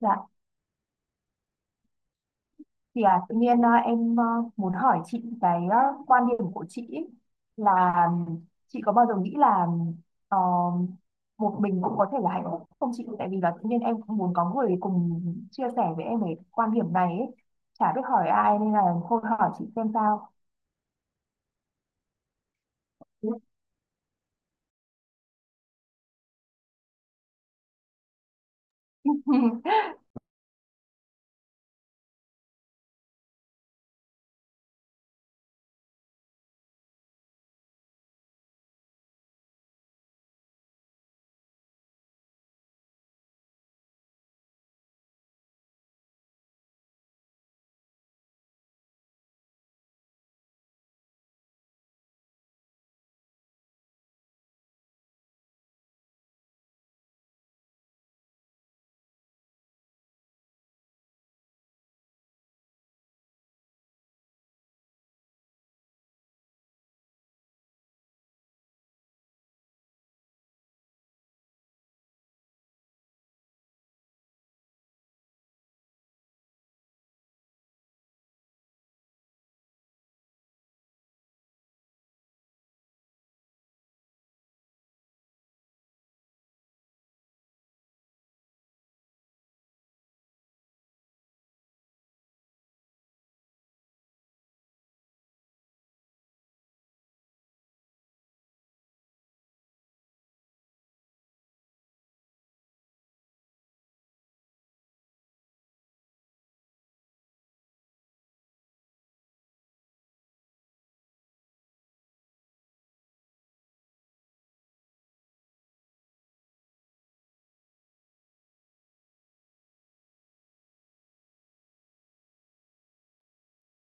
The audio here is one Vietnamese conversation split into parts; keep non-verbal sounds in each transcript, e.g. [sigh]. Dạ, thì à, tự nhiên à, em à, muốn hỏi chị quan điểm của chị ý, là chị có bao giờ nghĩ là ờ, một mình cũng có thể là hạnh phúc không chị? Tại vì là tự nhiên em cũng muốn có người cùng chia sẻ với em về quan điểm này ấy. Chả biết hỏi ai nên là thôi hỏi chị xem sao. [laughs]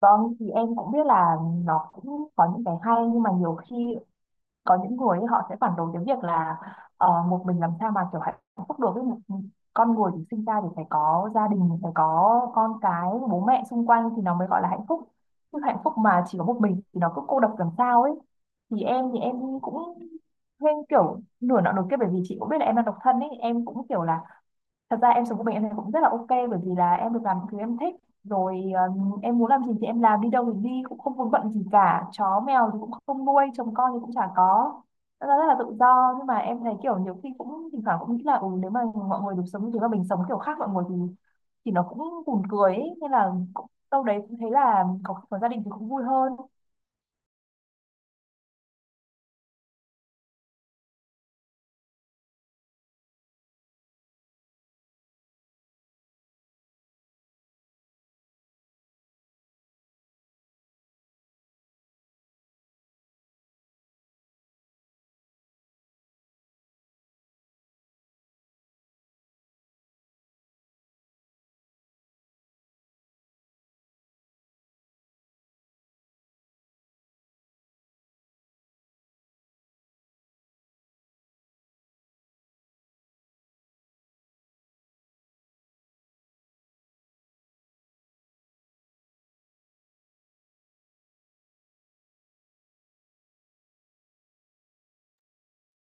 Vâng, thì em cũng biết là nó cũng có những cái hay, nhưng mà nhiều khi có những người ấy, họ sẽ phản đối cái việc là một mình làm sao mà kiểu hạnh phúc được ấy. Con người thì sinh ra thì phải có gia đình, phải có con cái, bố mẹ xung quanh thì nó mới gọi là hạnh phúc, chứ hạnh phúc mà chỉ có một mình thì nó cứ cô độc làm sao ấy. Thì em thì em cũng thêm kiểu nửa nọ nửa kia, bởi vì chị cũng biết là em đang độc thân ấy. Em cũng kiểu là thật ra em sống của mình em thấy cũng rất là ok, bởi vì là em được làm những thứ em thích rồi. Em muốn làm gì thì em làm, đi đâu thì đi, cũng không vướng bận gì cả, chó mèo thì cũng không nuôi, chồng con thì cũng chả có. Thật ra rất là tự do, nhưng mà em thấy kiểu nhiều khi cũng thỉnh thoảng cũng nghĩ là ừ, nếu mà mọi người được sống như thế mà mình sống kiểu khác mọi người thì nó cũng buồn cười ấy. Nên là cũng, đâu đấy cũng thấy là có gia đình thì cũng vui hơn.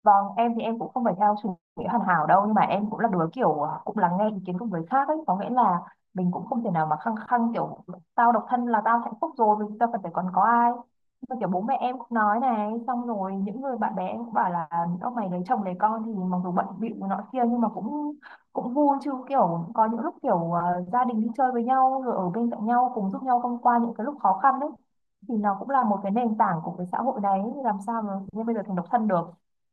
Vâng, em thì em cũng không phải theo chủ nghĩa hoàn hảo đâu, nhưng mà em cũng là đứa cũng lắng nghe ý kiến của người khác ấy, có nghĩa là mình cũng không thể nào mà khăng khăng kiểu tao độc thân là tao hạnh phúc rồi, vì tao cần phải còn có ai. Nhưng mà kiểu bố mẹ em cũng nói này, xong rồi những người bạn bè em cũng bảo là ông mày lấy chồng lấy con thì mặc dù bận bịu nọ kia nhưng mà cũng cũng vui chứ, kiểu có những lúc gia đình đi chơi với nhau rồi ở bên cạnh nhau cùng giúp nhau thông qua những cái lúc khó khăn đấy, thì nó cũng là một cái nền tảng của cái xã hội đấy, làm sao mà như bây giờ thành độc thân được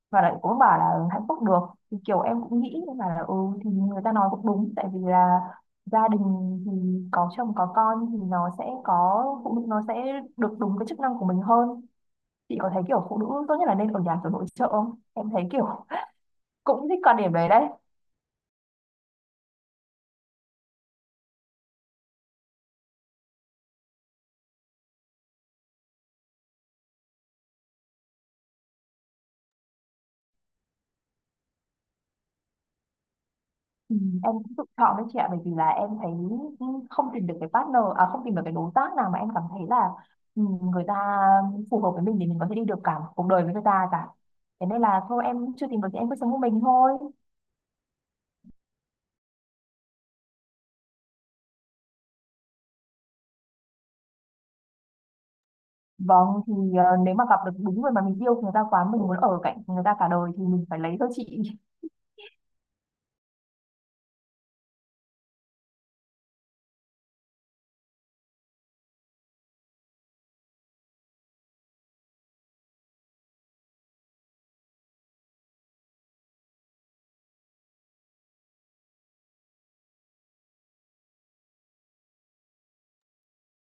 và lại cũng bảo là hạnh phúc được. Thì kiểu em cũng nghĩ mà là ừ, thì người ta nói cũng đúng, tại vì là gia đình thì có chồng có con thì nó sẽ có phụ nữ nó sẽ được đúng cái chức năng của mình hơn. Chị có thấy kiểu phụ nữ tốt nhất là nên ở nhà kiểu nội trợ không, em thấy kiểu cũng thích quan điểm đấy đấy. Ừ, em cũng tự chọn đấy chị ạ, bởi vì là em thấy không tìm được cái partner, à không, tìm được cái đối tác nào mà em cảm thấy là ừ, người ta phù hợp với mình để mình có thể đi được cả một cuộc đời với người ta cả. Thế nên là thôi em chưa tìm được thì em cứ sống một mình thôi. Vâng, thì ờ, nếu mà gặp được đúng người mà mình yêu người ta quá, mình muốn ở cạnh người ta cả đời thì mình phải lấy thôi chị.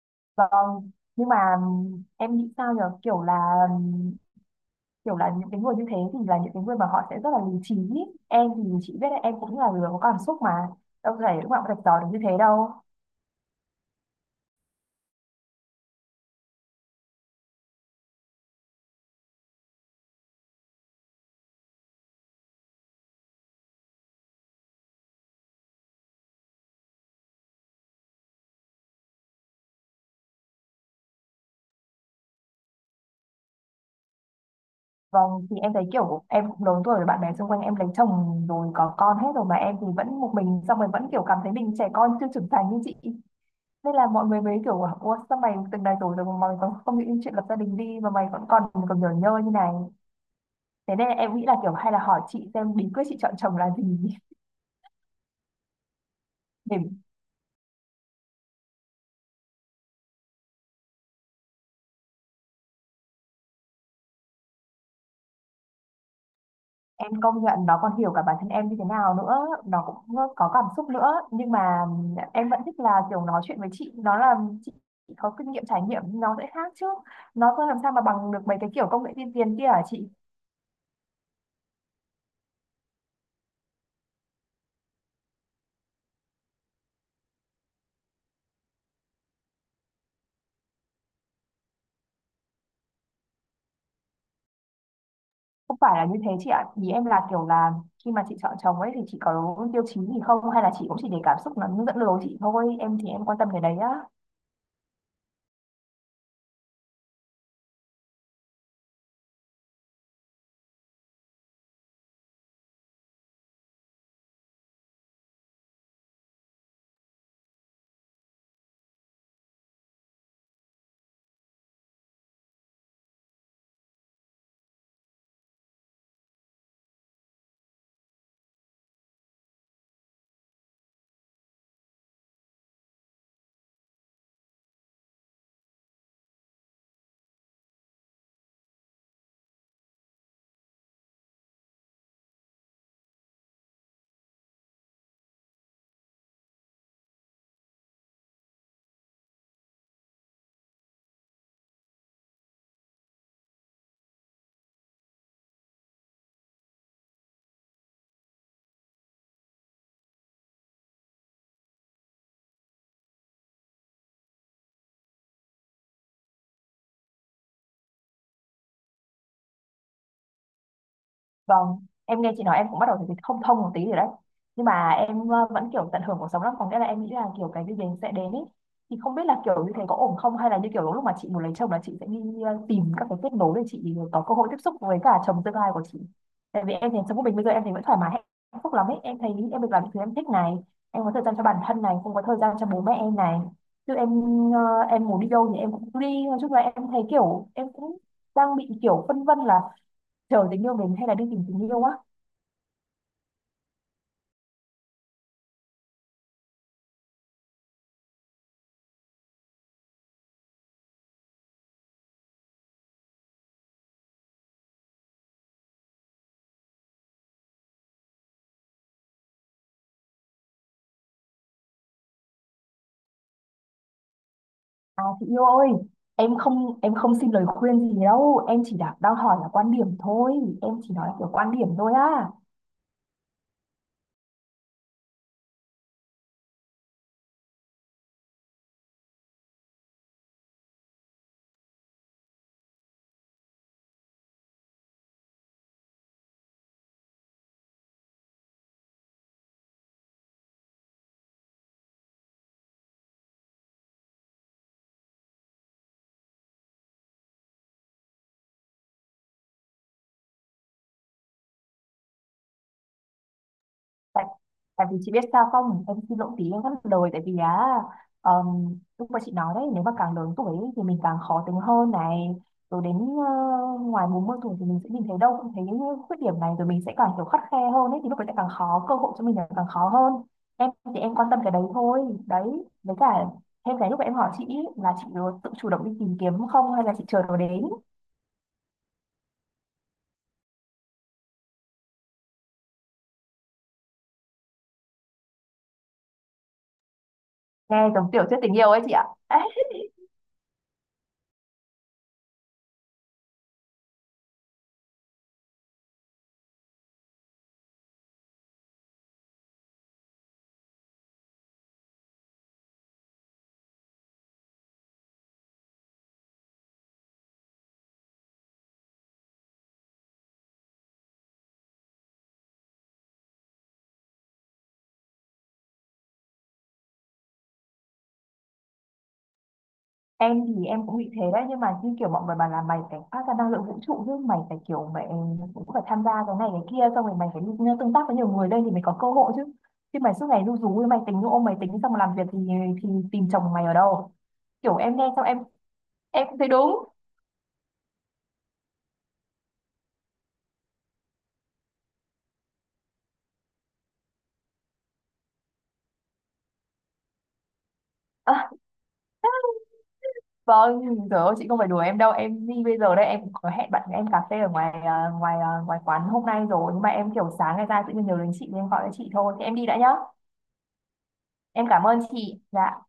[laughs] Vâng, nhưng mà em nghĩ sao nhở, kiểu là những cái người như thế thì là những cái người mà họ sẽ rất là lý trí. Em thì chị biết đấy, em cũng là người có cảm xúc mà, đâu thể lúc nào cũng rạch ròi được như thế đâu. Vâng, thì em thấy kiểu em cũng lớn tuổi rồi, bạn bè xung quanh em lấy chồng rồi có con hết rồi mà em thì vẫn một mình, xong rồi vẫn kiểu cảm thấy mình trẻ con chưa trưởng thành như chị. Nên là mọi người mới kiểu bảo, ủa sao mày từng này rồi rồi mà mày còn không nghĩ đến chuyện lập gia đình đi mà mày vẫn còn còn nhờ nhơ như này. Thế nên em nghĩ là kiểu hay là hỏi chị xem bí quyết chị chọn chồng là gì. [laughs] Để em công nhận nó còn hiểu cả bản thân em như thế nào nữa, nó cũng có cảm xúc nữa, nhưng mà em vẫn thích là kiểu nói chuyện với chị, nó là chị có kinh nghiệm trải nghiệm nó sẽ khác chứ, nó không làm sao mà bằng được mấy cái kiểu công nghệ tiên tiến kia hả chị. Không phải là như thế chị ạ, ý em là kiểu là khi mà chị chọn chồng ấy thì chị có tiêu chí gì không, hay là chị cũng chỉ để cảm xúc nó dẫn lối chị thôi, em thì em quan tâm cái đấy á. Vâng, em nghe chị nói em cũng bắt đầu thấy không thông một tí rồi đấy. Nhưng mà em vẫn kiểu tận hưởng cuộc sống lắm, có nghĩa là em nghĩ là kiểu cái gì đến sẽ đến ấy. Thì không biết là kiểu như thế có ổn không, hay là như kiểu lúc mà chị muốn lấy chồng là chị sẽ đi tìm các cái kết nối để chị có cơ hội tiếp xúc với cả chồng tương lai của chị. Tại vì em thấy sống của mình bây giờ em thấy vẫn thoải mái hạnh phúc lắm ấy. Em thấy em được làm những thứ em thích này, em có thời gian cho bản thân này, cũng có thời gian cho bố mẹ em này. Chứ em em muốn đi đâu thì em cũng đi, nói chung là em thấy kiểu em cũng đang bị kiểu phân vân là chờ tình yêu đến hay là đi tìm tình yêu á. À chị yêu ơi, em không xin lời khuyên gì đâu, em chỉ đặt đang hỏi là quan điểm thôi, em chỉ nói là kiểu quan điểm thôi á. tại, Tại vì chị biết sao không, em xin lỗi tí em vẫn lời, tại vì á lúc mà chị nói đấy nếu mà càng lớn tuổi ấy thì mình càng khó tính hơn này, rồi đến ngoài 40 tuổi thì mình sẽ nhìn thấy đâu cũng thấy những khuyết điểm này, rồi mình sẽ càng kiểu khắt khe hơn ấy, thì lúc đấy sẽ càng khó, cơ hội cho mình là càng khó hơn. Em thì em quan tâm cái đấy thôi đấy. Với cả thêm cái lúc mà em hỏi chị ý, là chị tự chủ động đi tìm kiếm không hay là chị chờ nó đến. Nghe giống tiểu thuyết tình yêu ấy chị ạ. [laughs] em thì em cũng bị thế đấy, nhưng mà như kiểu mọi người bảo là mày phải phát ra năng lượng vũ trụ chứ, mày phải kiểu mày cũng phải tham gia cái này cái kia, xong rồi mày phải đi tương tác với nhiều người đây thì mày có cơ hội chứ, chứ mày suốt ngày ru rú mày tính ôm máy tính xong mà làm việc thì tìm chồng mày ở đâu. Kiểu em nghe xong em cũng thấy đúng. à, vâng, trời ơi chị không phải đùa em đâu, em đi bây giờ đây, em cũng có hẹn bạn em cà phê ở ngoài quán hôm nay rồi, nhưng mà em kiểu sáng ngày ra tự nhiên nhớ đến chị nên em gọi cho chị thôi, thì em đi đã nhá. Em cảm ơn chị dạ.